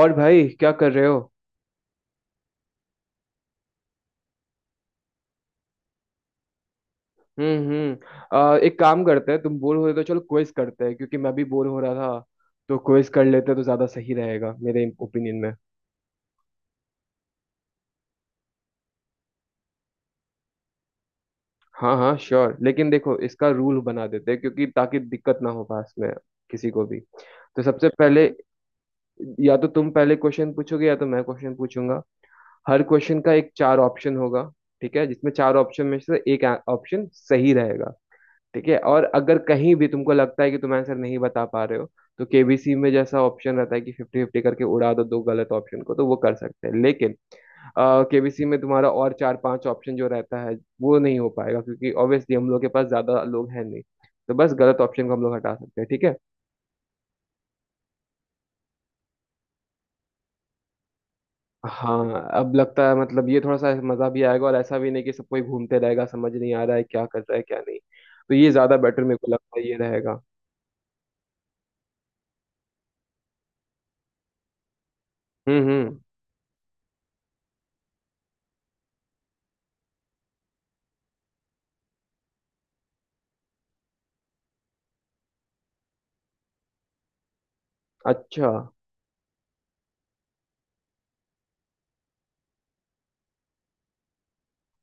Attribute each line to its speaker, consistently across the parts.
Speaker 1: और भाई क्या कर रहे हो। हम्म। एक काम करते हैं, तुम बोर हो रहे हो तो चलो क्विज करते हैं क्योंकि मैं भी बोर हो रहा था। तो क्विज कर लेते हैं तो ज्यादा सही रहेगा मेरे ओपिनियन में। हाँ हाँ श्योर, लेकिन देखो इसका रूल बना देते हैं क्योंकि ताकि दिक्कत ना हो पास में किसी को भी। तो सबसे पहले या तो तुम पहले क्वेश्चन पूछोगे या तो मैं क्वेश्चन पूछूंगा। हर क्वेश्चन का एक चार ऑप्शन होगा, ठीक है, जिसमें चार ऑप्शन में से एक ऑप्शन सही रहेगा। ठीक है, और अगर कहीं भी तुमको लगता है कि तुम आंसर नहीं बता पा रहे हो, तो केबीसी में जैसा ऑप्शन रहता है कि फिफ्टी फिफ्टी करके उड़ा दो दो गलत ऑप्शन को, तो वो कर सकते हैं, लेकिन केबीसी में तुम्हारा और चार पांच ऑप्शन जो रहता है वो नहीं हो पाएगा क्योंकि ऑब्वियसली हम लोग के पास ज्यादा लोग हैं नहीं। तो बस गलत ऑप्शन को हम लोग हटा सकते हैं, ठीक है। हाँ अब लगता है मतलब ये थोड़ा सा मजा भी आएगा, और ऐसा भी नहीं कि सब कोई घूमते रहेगा समझ नहीं आ रहा है क्या कर रहा है क्या नहीं, तो ये ज्यादा बेटर मेरे को लगता है ये रहेगा। हम्म। अच्छा,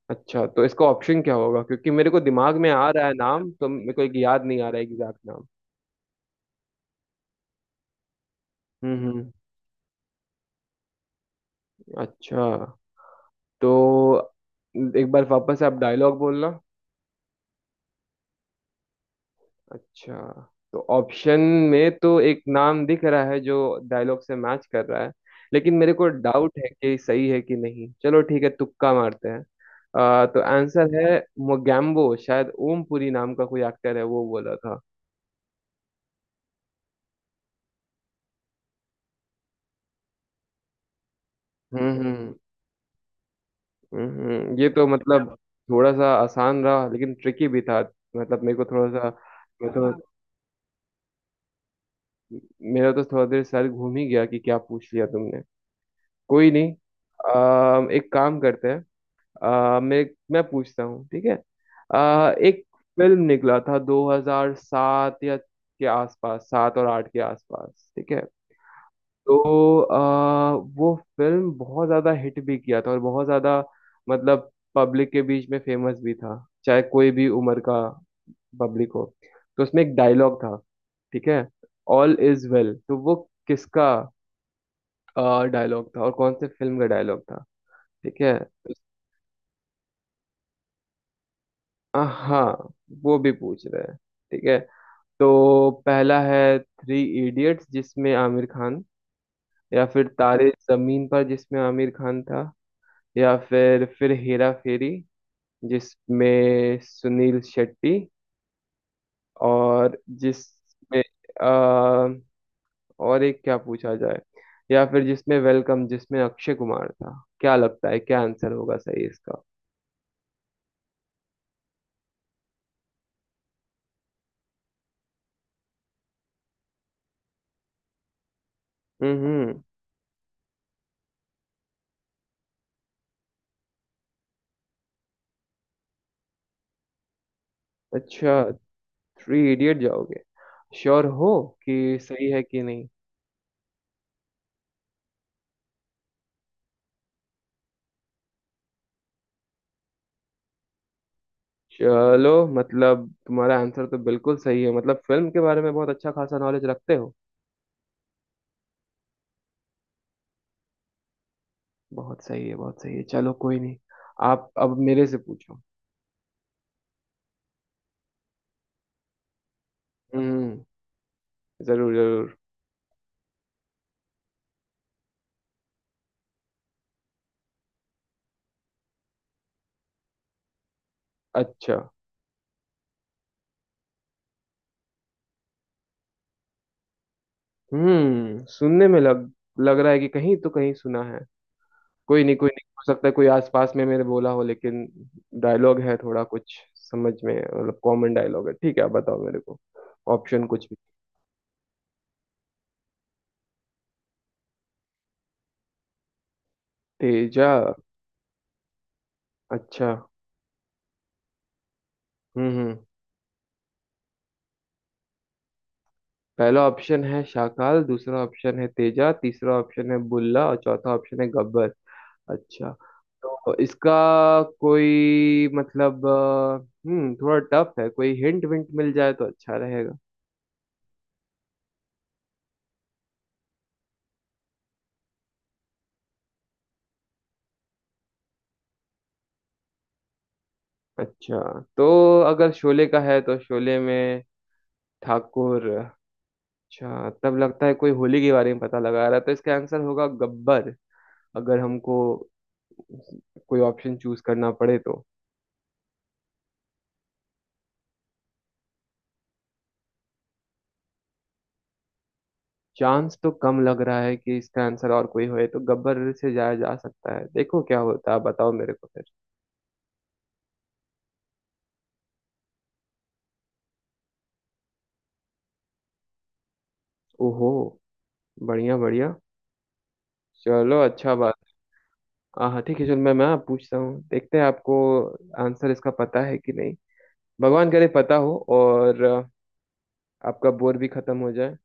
Speaker 1: अच्छा तो इसका ऑप्शन क्या होगा, क्योंकि मेरे को दिमाग में आ रहा है नाम, तो मेरे को एक याद नहीं आ रहा है एग्जैक्ट नाम। हम्म। अच्छा, तो एक बार वापस आप डायलॉग बोलना। अच्छा, तो ऑप्शन में तो एक नाम दिख रहा है जो डायलॉग से मैच कर रहा है, लेकिन मेरे को डाउट है कि सही है कि नहीं। चलो ठीक है तुक्का मारते हैं। तो आंसर है मोगैम्बो, शायद ओमपुरी नाम का कोई एक्टर है वो बोला था। हम्म ये तो क्या मतलब बात। थोड़ा सा आसान रहा लेकिन ट्रिकी भी था, मतलब मेरे को थोड़ा सा। मैं तो, मेरा तो थोड़ा देर सर घूम ही गया कि क्या पूछ लिया तुमने। कोई नहीं। एक काम करते हैं। अम, मैं पूछता हूँ, ठीक है। एक फिल्म निकला था 2007 या के आसपास, सात और आठ के आसपास, ठीक है। तो वो फिल्म बहुत ज्यादा हिट भी किया था, और बहुत ज्यादा मतलब पब्लिक के बीच में फेमस भी था, चाहे कोई भी उम्र का पब्लिक हो। तो उसमें एक डायलॉग था, ठीक है। ऑल इज वेल, तो वो किसका डायलॉग था और कौन से फिल्म का डायलॉग था, ठीक है। हाँ, वो भी पूछ रहे हैं, ठीक है। तो पहला है थ्री इडियट्स जिसमें आमिर खान, या फिर तारे जमीन पर जिसमें आमिर खान था, या फिर हेरा फेरी जिसमें सुनील शेट्टी, और जिसमें आ, और एक क्या पूछा जाए, या फिर जिसमें वेलकम जिसमें अक्षय कुमार था। क्या लगता है क्या आंसर होगा सही इसका। हम्म। अच्छा, थ्री इडियट जाओगे, श्योर हो कि सही है कि नहीं। चलो, मतलब तुम्हारा आंसर तो बिल्कुल सही है, मतलब फिल्म के बारे में बहुत अच्छा खासा नॉलेज रखते हो। बहुत सही है बहुत सही है, चलो कोई नहीं। आप अब मेरे से पूछो। हम्म, जरूर जरूर। अच्छा। हम्म, सुनने में लग लग रहा है कि कहीं तो कहीं सुना है। कोई नहीं कोई नहीं, हो सकता है कोई आसपास में मैंने बोला हो, लेकिन डायलॉग है थोड़ा कुछ समझ में, मतलब कॉमन डायलॉग है। ठीक है, आप बताओ मेरे को ऑप्शन कुछ भी। तेजा। अच्छा। हम्म। पहला ऑप्शन है शाकाल, दूसरा ऑप्शन है तेजा, तीसरा ऑप्शन है बुल्ला, और चौथा ऑप्शन है गब्बर। अच्छा, तो इसका कोई मतलब हम्म, थोड़ा टफ है, कोई हिंट विंट मिल जाए तो अच्छा रहेगा। अच्छा, तो अगर शोले का है, तो शोले में ठाकुर। अच्छा, तब लगता है कोई होली के बारे में पता लगा रहा है, तो इसका आंसर होगा गब्बर, अगर हमको कोई ऑप्शन चूज करना पड़े तो। चांस तो कम लग रहा है कि इसका आंसर और कोई होए, तो गब्बर से जाया जा सकता है, देखो क्या होता है, बताओ मेरे को फिर। ओहो। बढ़िया बढ़िया, चलो अच्छा बात। हाँ हाँ ठीक है, चलो मैं आप पूछता हूँ, देखते हैं आपको आंसर इसका पता है कि नहीं। भगवान करे पता हो, और आपका बोर भी खत्म हो जाए।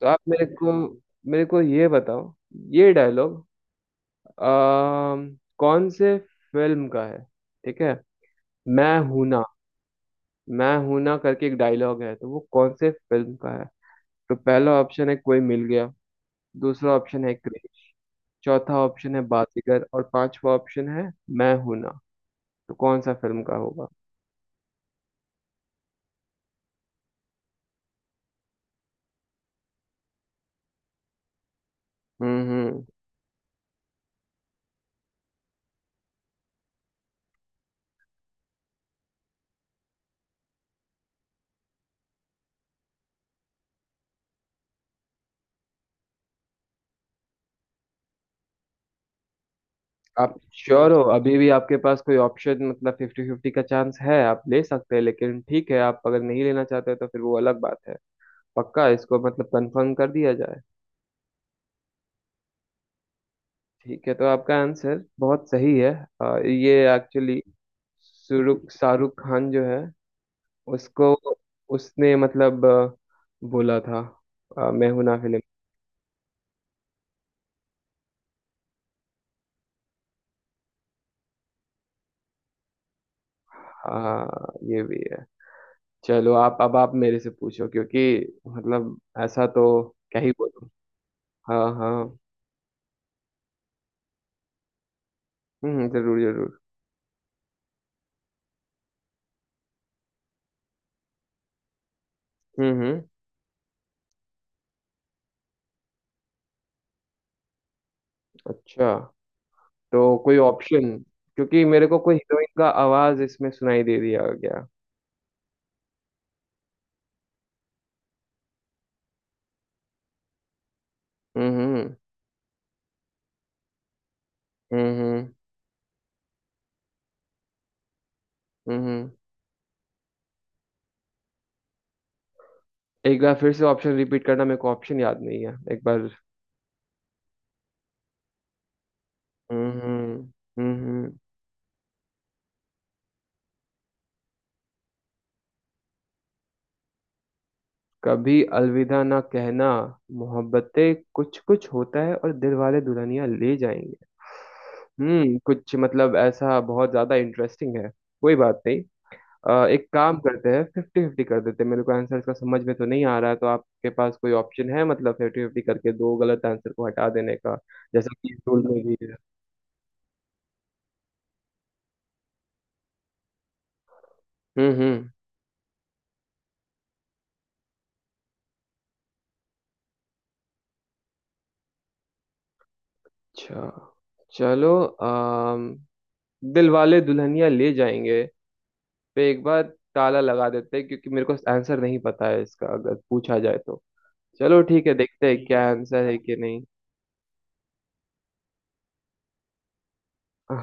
Speaker 1: तो आप मेरे को ये बताओ ये डायलॉग कौन से फिल्म का है, ठीक है। मैं हूं ना, मैं हूं ना करके एक डायलॉग है, तो वो कौन से फिल्म का है। तो पहला ऑप्शन है कोई मिल गया, दूसरा ऑप्शन है क्रेज, चौथा ऑप्शन है बाजीगर, और पांचवा ऑप्शन है मैं हूं ना, तो कौन सा फिल्म का होगा। हम्म। आप श्योर हो, अभी भी आपके पास कोई ऑप्शन मतलब फिफ्टी फिफ्टी का चांस है, आप ले सकते हैं, लेकिन ठीक है, आप अगर नहीं लेना चाहते तो फिर वो अलग बात है। पक्का इसको मतलब कंफर्म कर दिया जाए। ठीक है, तो आपका आंसर बहुत सही है। ये एक्चुअली शाहरुख शाहरुख खान जो है उसको, उसने मतलब बोला था। मैं हूं ना फिल्म। हाँ, ये भी है। चलो, आप अब आप मेरे से पूछो क्योंकि मतलब ऐसा तो क्या ही बोलूं। हाँ हाँ। हम्म, जरूर जरूर। हम्म। अच्छा, तो कोई ऑप्शन, क्योंकि मेरे को कोई हीरोइन का आवाज इसमें सुनाई दे दिया गया। हम्म। हम्म। हम्म। हम्म। एक बार फिर से ऑप्शन रिपीट करना, मेरे को ऑप्शन याद नहीं है एक बार। हम्म। हम्म। हम्म। कभी अलविदा ना कहना, मोहब्बतें, कुछ कुछ होता है, और दिल वाले दुल्हनिया ले जाएंगे। हम्म, कुछ मतलब ऐसा बहुत ज्यादा इंटरेस्टिंग है। कोई बात नहीं, एक काम करते हैं, फिफ्टी फिफ्टी कर देते हैं, मेरे को आंसर इसका समझ में तो नहीं आ रहा है, तो आपके पास कोई ऑप्शन है मतलब फिफ्टी फिफ्टी करके दो गलत आंसर को हटा देने का, जैसा कि रूल में भी है। हम्म। अच्छा, चलो। अम दिल वाले दुल्हनिया ले जाएंगे पे एक बार ताला लगा देते हैं, क्योंकि मेरे को आंसर नहीं पता है इसका अगर पूछा जाए तो। चलो ठीक है, देखते हैं ठीक क्या है आंसर है कि नहीं।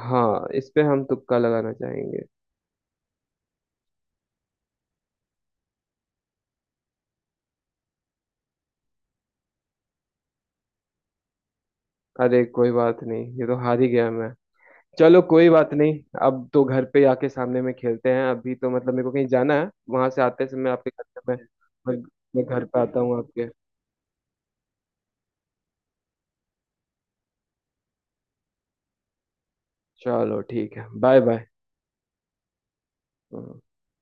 Speaker 1: हाँ, इस पे हम तुक्का लगाना चाहेंगे। अरे कोई बात नहीं, ये तो हार ही गया मैं। चलो कोई बात नहीं, अब तो घर पे आके सामने में खेलते हैं, अभी तो मतलब मेरे को कहीं जाना है, वहां से आते समय आपके घर पे मैं, मैं मैं घर पे आता हूँ आपके। चलो ठीक है, बाय बाय।